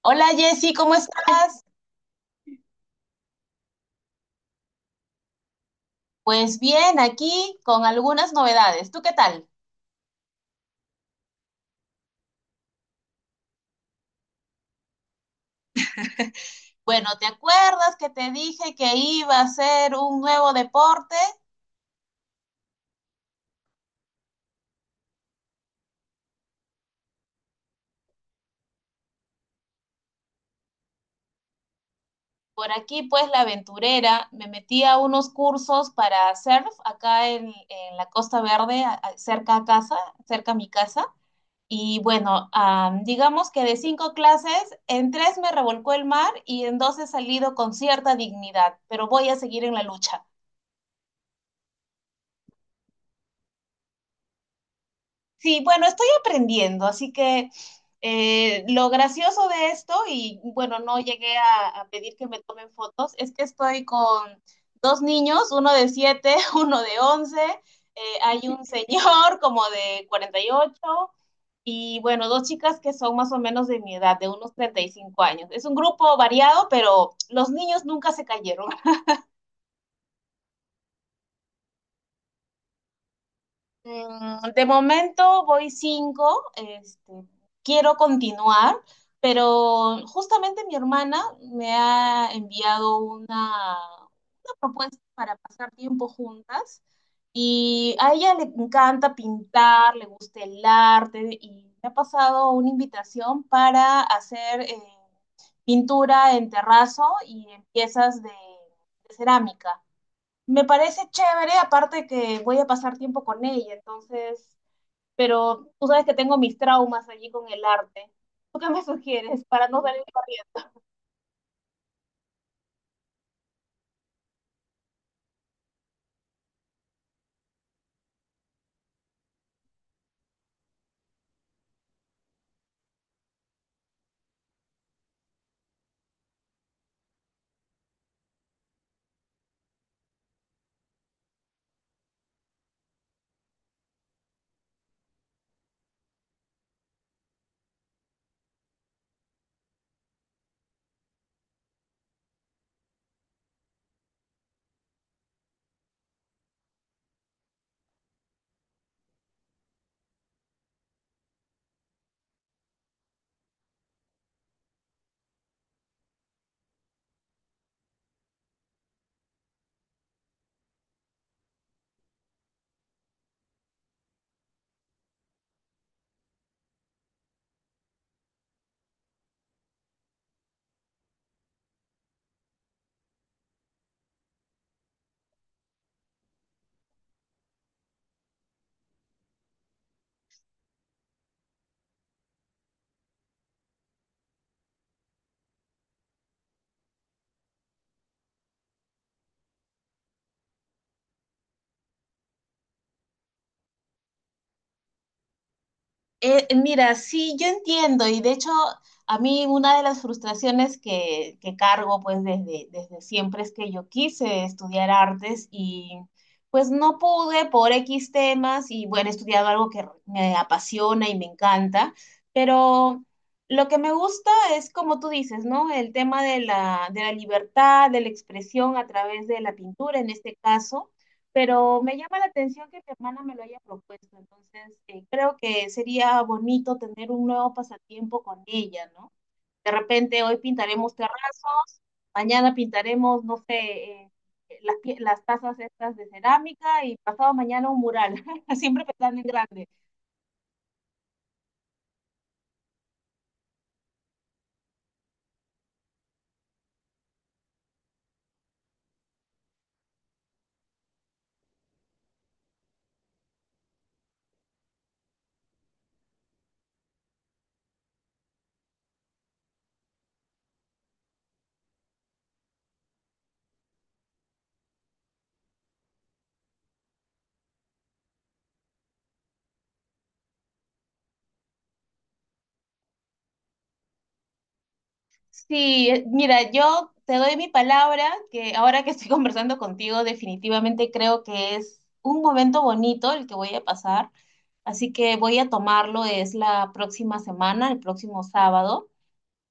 Hola, Jessy, ¿cómo estás? Pues bien, aquí con algunas novedades. ¿Tú qué tal? Bueno, ¿te acuerdas que te dije que iba a hacer un nuevo deporte? Por aquí, pues, la aventurera, me metí a unos cursos para surf acá en la Costa Verde, cerca a casa, cerca a mi casa. Y bueno, digamos que de cinco clases, en tres me revolcó el mar y en dos he salido con cierta dignidad, pero voy a seguir en la lucha. Sí, bueno, estoy aprendiendo, así que lo gracioso de esto, y bueno, no llegué a pedir que me tomen fotos, es que estoy con dos niños, uno de 7, uno de 11, hay un señor como de 48 y bueno, dos chicas que son más o menos de mi edad, de unos 35 años. Es un grupo variado, pero los niños nunca se cayeron. De momento voy cinco, este, quiero continuar, pero justamente mi hermana me ha enviado una propuesta para pasar tiempo juntas, y a ella le encanta pintar, le gusta el arte y me ha pasado una invitación para hacer pintura en terrazo y en piezas de cerámica. Me parece chévere, aparte que voy a pasar tiempo con ella, entonces, pero tú sabes que tengo mis traumas allí con el arte. ¿Tú qué me sugieres para no salir corriendo? Mira, sí, yo entiendo, y de hecho, a mí una de las frustraciones que cargo pues desde siempre es que yo quise estudiar artes y pues no pude por X temas, y bueno, he estudiado algo que me apasiona y me encanta, pero lo que me gusta es como tú dices, ¿no? El tema de la libertad, de la expresión a través de la pintura en este caso. Pero me llama la atención que mi hermana me lo haya propuesto, entonces creo que sería bonito tener un nuevo pasatiempo con ella, ¿no? De repente hoy pintaremos terrazos, mañana pintaremos, no sé, eh, las tazas estas de cerámica, y pasado mañana un mural, siempre pensando en grande. Sí, mira, yo te doy mi palabra que ahora que estoy conversando contigo, definitivamente creo que es un momento bonito el que voy a pasar, así que voy a tomarlo, es la próxima semana, el próximo sábado.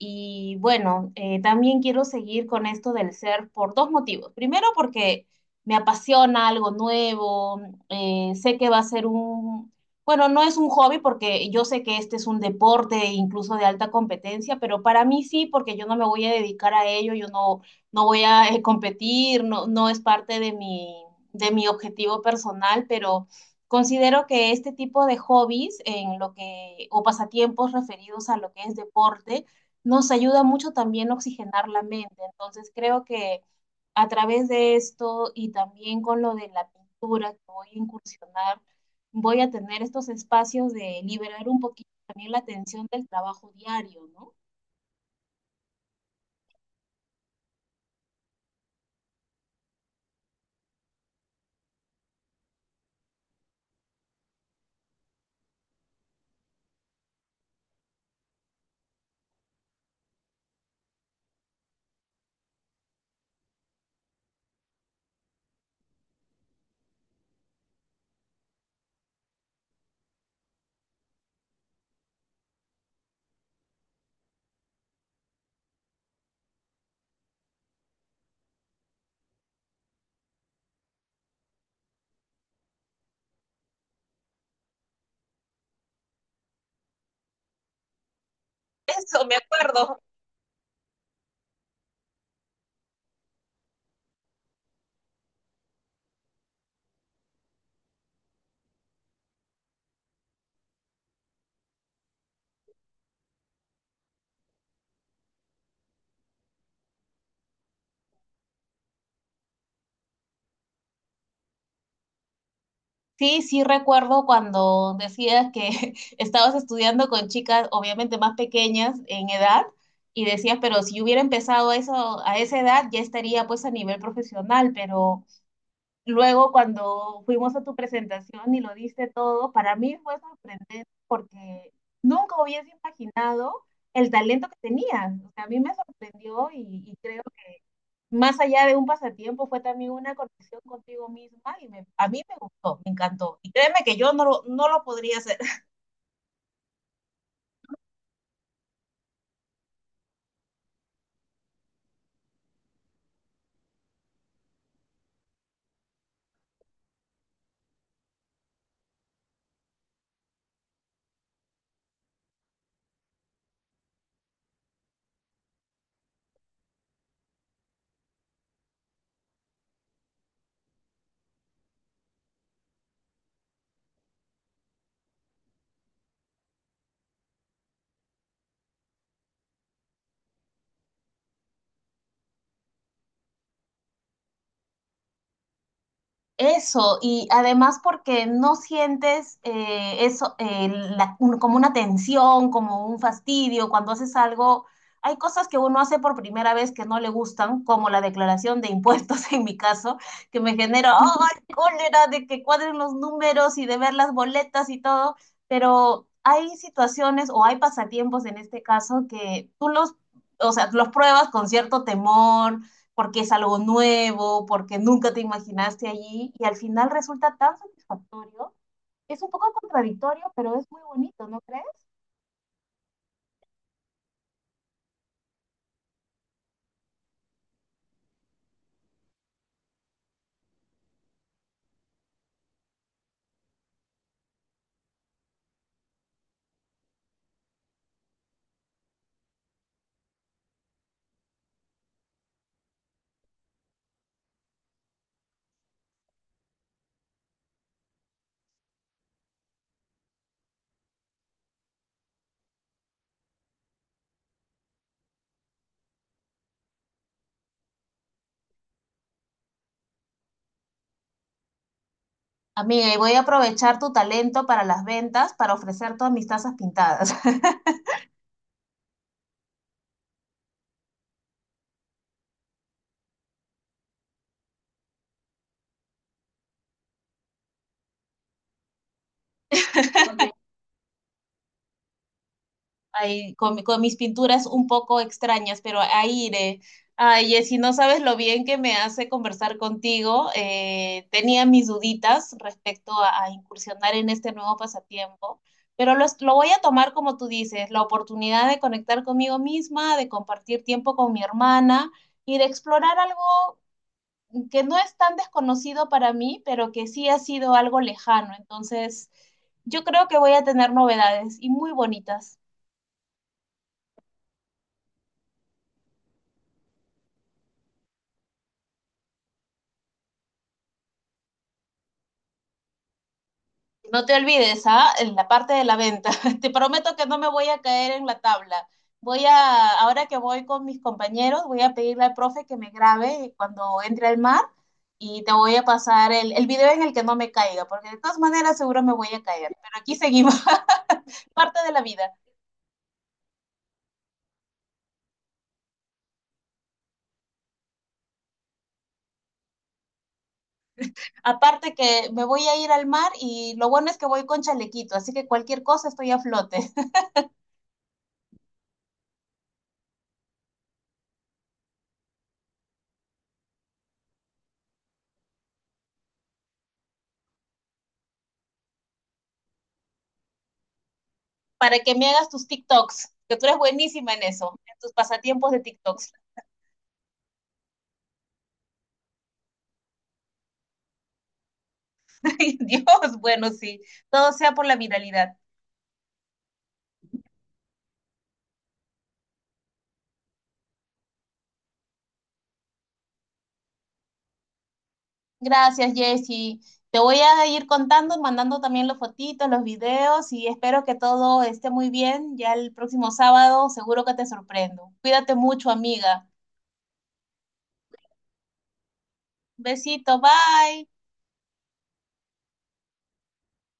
Y bueno, también quiero seguir con esto del surf por dos motivos. Primero, porque me apasiona algo nuevo, sé que va a ser bueno, no es un hobby porque yo sé que este es un deporte incluso de alta competencia, pero para mí sí, porque yo no me voy a dedicar a ello, yo no voy a competir. No, no es parte de mi objetivo personal, pero considero que este tipo de hobbies en lo que, o pasatiempos referidos a lo que es deporte, nos ayuda mucho también a oxigenar la mente. Entonces creo que a través de esto, y también con lo de la pintura que voy a incursionar, voy a tener estos espacios de liberar un poquito también la tensión del trabajo diario, ¿no? Eso, me acuerdo. Sí, sí recuerdo cuando decías que estabas estudiando con chicas obviamente más pequeñas en edad y decías, pero si yo hubiera empezado eso a esa edad ya estaría pues a nivel profesional, pero luego cuando fuimos a tu presentación y lo diste todo, para mí fue sorprendente porque nunca hubiese imaginado el talento que tenías. O sea, a mí me sorprendió, y, creo que más allá de un pasatiempo fue también una conexión contigo misma, y a mí me gustó, me encantó. Y créeme que yo no lo podría hacer. Eso, y además porque no sientes eso, como una tensión, como un fastidio cuando haces algo. Hay cosas que uno hace por primera vez que no le gustan, como la declaración de impuestos en mi caso, que me genera ¡ay!, cólera de que cuadren los números y de ver las boletas y todo. Pero hay situaciones o hay pasatiempos en este caso que tú o sea, los pruebas con cierto temor, porque es algo nuevo, porque nunca te imaginaste allí, y al final resulta tan satisfactorio. Es un poco contradictorio, pero es muy bonito, ¿no crees? Amiga, y voy a aprovechar tu talento para las ventas para ofrecer todas mis tazas pintadas. Ahí con mis pinturas un poco extrañas, pero ahí iré. Ay, Jessy, no sabes lo bien que me hace conversar contigo. Tenía mis duditas respecto a incursionar en este nuevo pasatiempo, pero lo voy a tomar como tú dices, la oportunidad de conectar conmigo misma, de compartir tiempo con mi hermana y de explorar algo que no es tan desconocido para mí, pero que sí ha sido algo lejano. Entonces, yo creo que voy a tener novedades y muy bonitas. No te olvides, ¿ah? En la parte de la venta. Te prometo que no me voy a caer en la tabla. Voy a, ahora que voy con mis compañeros, voy a pedirle al profe que me grabe cuando entre al mar, y te voy a pasar el video en el que no me caiga, porque de todas maneras seguro me voy a caer. Pero aquí seguimos, parte de la vida. Aparte que me voy a ir al mar, y lo bueno es que voy con chalequito, así que cualquier cosa estoy a flote. Para que me hagas tus TikToks, que tú eres buenísima en eso, en tus pasatiempos de TikToks. Ay, Dios, bueno, sí, todo sea por la viralidad. Gracias, Jessy. Te voy a ir contando, mandando también los fotitos, los videos, y espero que todo esté muy bien. Ya el próximo sábado seguro que te sorprendo. Cuídate mucho, amiga. Besito, bye.